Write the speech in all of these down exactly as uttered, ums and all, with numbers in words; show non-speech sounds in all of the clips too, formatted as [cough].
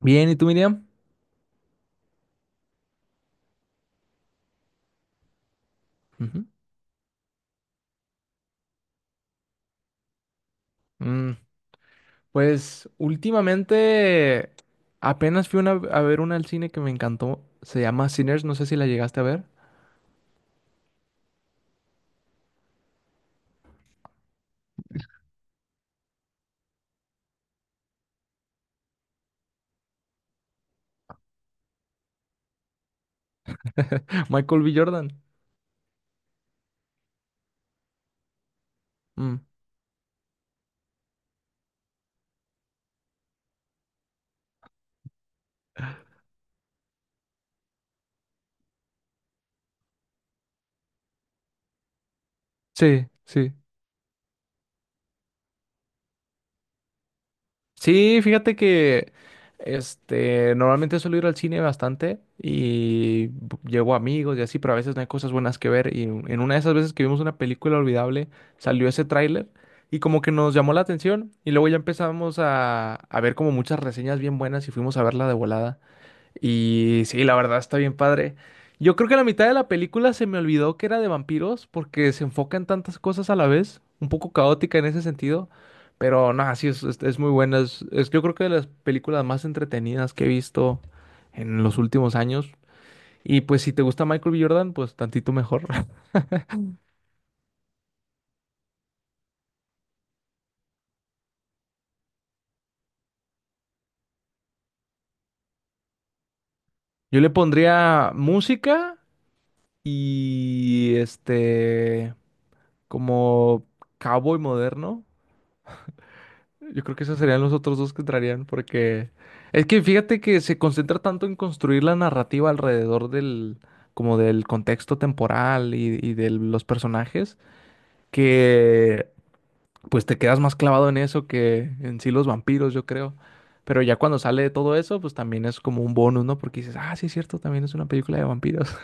Bien, ¿y tú, Miriam? Ujú. Mm, pues últimamente apenas fui una- a ver una al cine que me encantó. Se llama Sinners, no sé si la llegaste a ver. [laughs] Michael B. Jordan. Mm, sí, sí. Sí, fíjate que este normalmente suelo ir al cine bastante y b- llevo amigos y así, pero a veces no hay cosas buenas que ver. Y en en una de esas veces que vimos una película olvidable, salió ese tráiler y como que nos llamó la atención. Y luego ya empezamos a, a ver como muchas reseñas bien buenas y fuimos a verla de volada. Y sí, la verdad está bien padre. Yo creo que la mitad de la película se me olvidó que era de vampiros porque se enfoca en tantas cosas a la vez, un poco caótica en ese sentido, pero no, sí, es, es- es muy buena. Es, es- yo creo que de las películas más entretenidas que he visto en los últimos años. Y pues si te gusta Michael B. Jordan, pues tantito mejor. [laughs] Yo le pondría música y este, como cowboy moderno. Yo creo que esos serían los otros dos que entrarían, porque es que fíjate que se concentra tanto en construir la narrativa alrededor del, como del contexto temporal y, y de los personajes, que pues te quedas más clavado en eso que en sí los vampiros, yo creo. Pero ya cuando sale de todo eso, pues también es como un bonus, ¿no? Porque dices, ah, sí es cierto, también es una película de vampiros.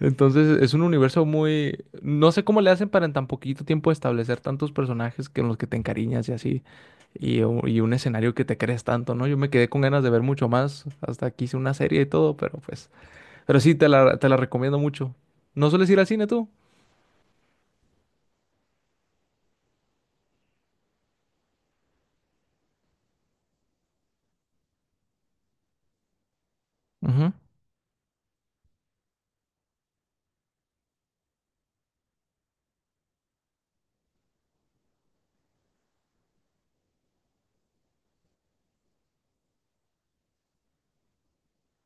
Entonces es un universo muy. No sé cómo le hacen para en tan poquito tiempo establecer tantos personajes que en los que te encariñas y así, y, u- y un escenario que te crees tanto, ¿no? Yo me quedé con ganas de ver mucho más, hasta que hice una serie y todo, pero pues. Pero sí, te la, te la recomiendo mucho. ¿No sueles ir al cine tú? Ujú.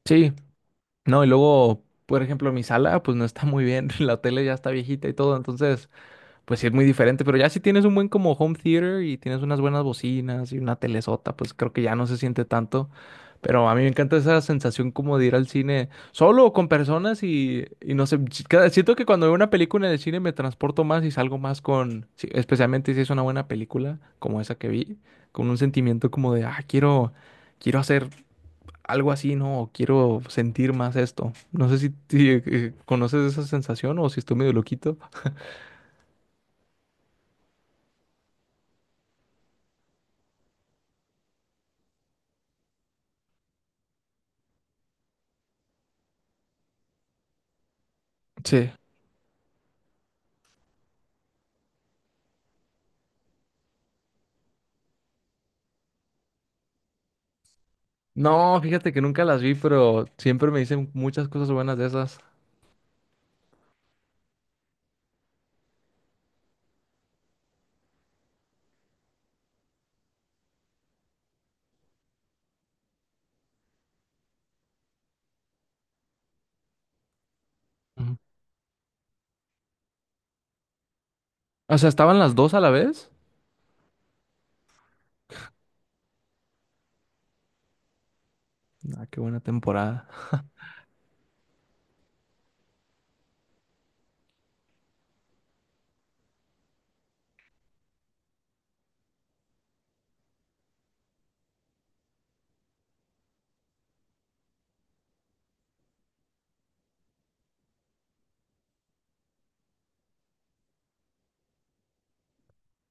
Sí, no, y luego, por ejemplo, mi sala pues no está muy bien, [laughs] la tele ya está viejita y todo, entonces. Pues sí, es muy diferente, pero ya si tienes un buen como home theater y tienes unas buenas bocinas y una telesota, pues creo que ya no se siente tanto. Pero a mí me encanta esa sensación como de ir al cine solo o con personas y, y no sé, si- cada- siento que cuando veo una película en el cine me transporto más y salgo más con, sí, especialmente si es una buena película como esa que vi, con un sentimiento como de, ah, quiero quiero hacer algo así, ¿no? O quiero sentir más esto. No sé si, si, eh, conoces esa sensación o si estoy medio loquito. Sí. No, fíjate que nunca las vi, pero siempre me dicen muchas cosas buenas de esas. Ujú. O sea, ¿estaban las dos a la vez? Ah, qué buena temporada.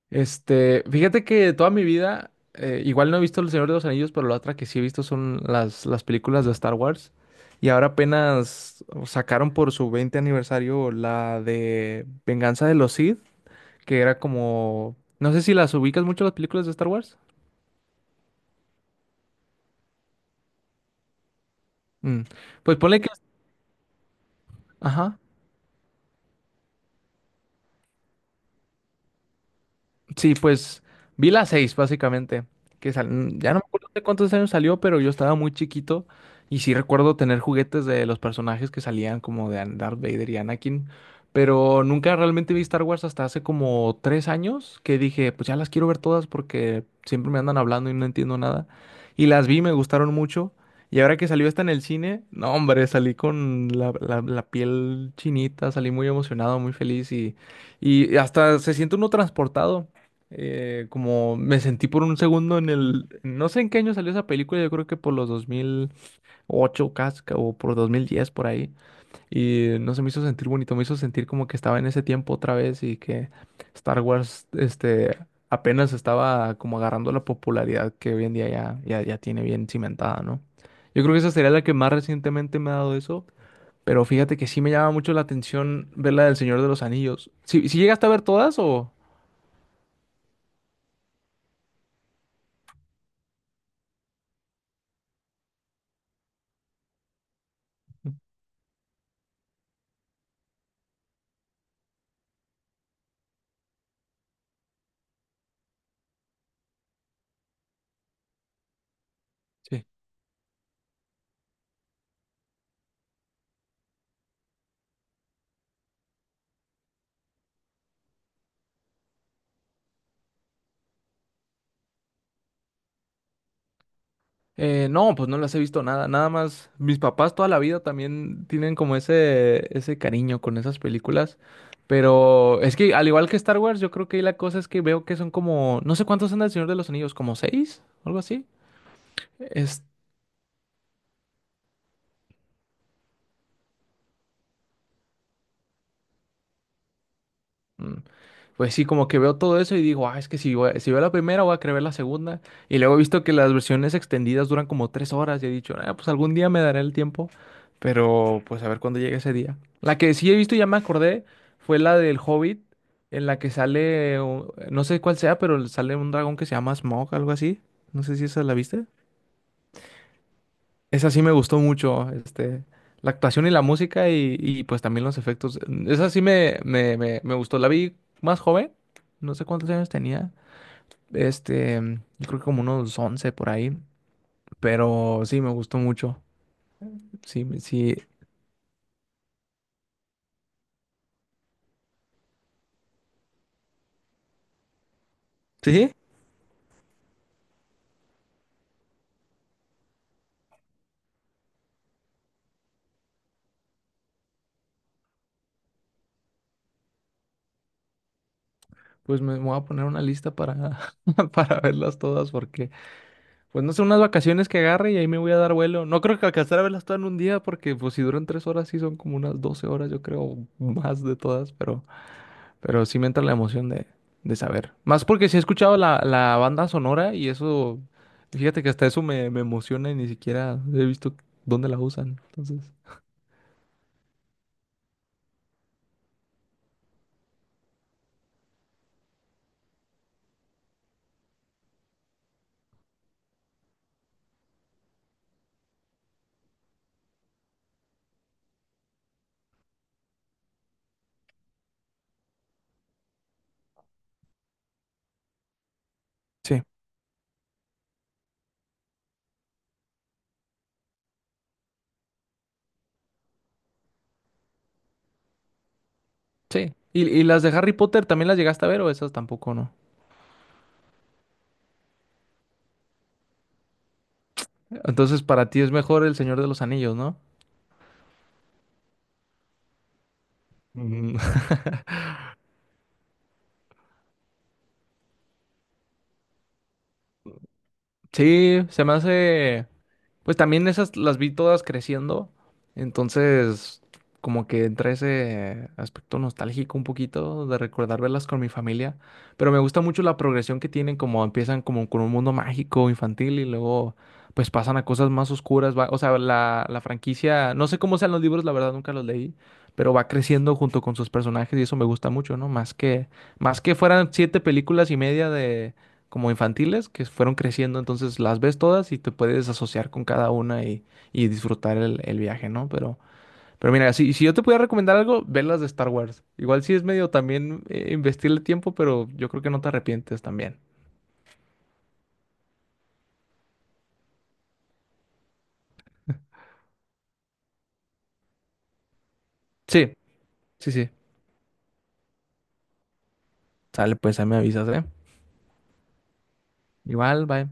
Este, fíjate que toda mi vida, eh, igual no he visto El Señor de los Anillos, pero la otra que sí he visto son las, las películas de Star Wars. Y ahora apenas sacaron por su veinte aniversario la de Venganza de los Sith, que era como. No sé si las ubicas mucho las películas de Star Wars. Mm, Pues ponle que. Ajá. Sí, pues vi la seis, básicamente, que sal- mm, ya no me acuerdo de cuántos años salió, pero yo estaba muy chiquito y sí recuerdo tener juguetes de los personajes que salían como de An- Darth Vader y Anakin, pero nunca realmente vi Star Wars hasta hace como tres años que dije, pues ya las quiero ver todas porque siempre me andan hablando y no entiendo nada. Y las vi, me gustaron mucho. Y ahora que salió esta en el cine, no hombre, salí con la, la la piel chinita, salí muy emocionado, muy feliz y... Y hasta se siente uno transportado eh, como me sentí por un segundo en el, no sé en qué año salió esa película, yo creo que por los dos mil ocho casca o por dos mil diez por ahí, y no se me hizo sentir bonito, me hizo sentir como que estaba en ese tiempo otra vez y que Star Wars, este, apenas estaba como agarrando la popularidad que hoy en día ya, ya, ya tiene bien cimentada, ¿no? Yo creo que esa sería la que más recientemente me ha dado eso. Pero fíjate que sí me llama mucho la atención ver la del Señor de los Anillos. ¿Si llegaste a ver todas o? Sí. Eh, no, pues no las he visto nada, nada más. Mis papás toda la vida también tienen como ese, ese cariño con esas películas. Pero es que al igual que Star Wars, yo creo que ahí la cosa es que veo que son como, no sé cuántos son del Señor de los Anillos, como seis, algo así. Mm. Pues sí, como que veo todo eso y digo, ah, es que si, voy- si veo la primera, voy a querer ver la segunda. Y luego he visto que las versiones extendidas duran como tres horas y he dicho, ah, pues algún día me daré el tiempo, pero pues a ver cuándo llegue ese día. La que sí he visto, y ya me acordé, fue la del Hobbit, en la que sale, u- no sé cuál sea, pero sale un dragón que se llama Smaug, algo así. No sé si esa la viste. Esa sí me gustó mucho, este, la actuación y la música y, y, pues también los efectos. Esa sí me, me, me, me gustó. La vi más joven, no sé cuántos años tenía. Este, yo creo que como unos once por ahí, pero sí me gustó mucho. Sí, me- sí, sí, pues me voy a poner una lista para, [laughs] para verlas todas porque, pues no sé, unas vacaciones que agarre y ahí me voy a dar vuelo. No creo que alcanzar a verlas todas en un día porque pues si duran tres horas sí son como unas doce horas yo creo, más de todas, pero. Pero sí me entra la emoción de, de saber. Más porque sí he escuchado la, la banda sonora y eso, fíjate que hasta eso me, me emociona y ni siquiera he visto dónde la usan. Entonces, sí, sí. ¿Y, y las de Harry Potter también las llegaste a ver o esas tampoco no? Entonces, para ti es mejor El Señor de los Anillos, ¿no? [laughs] Sí, se me hace, pues también esas las vi todas creciendo, entonces como que entra ese aspecto nostálgico un poquito de recordar verlas con mi familia, pero me gusta mucho la progresión que tienen, como empiezan como con un mundo mágico infantil y luego pues pasan a cosas más oscuras, va- o sea, la, la franquicia, no sé cómo sean los libros, la verdad nunca los leí, pero va creciendo junto con sus personajes y eso me gusta mucho, ¿no? Más que, más que fueran siete películas y media como infantiles que fueron creciendo, entonces las ves todas y te puedes asociar con cada una y, y disfrutar el, el viaje, ¿no? Pero, pero mira, si, si yo te pudiera recomendar algo, ve las de Star Wars. Igual sí es medio también eh, investirle tiempo, pero yo creo que no te arrepientes también. Sí, sí, sí. Sale, pues ahí me avisas, ¿eh? Igual, bye.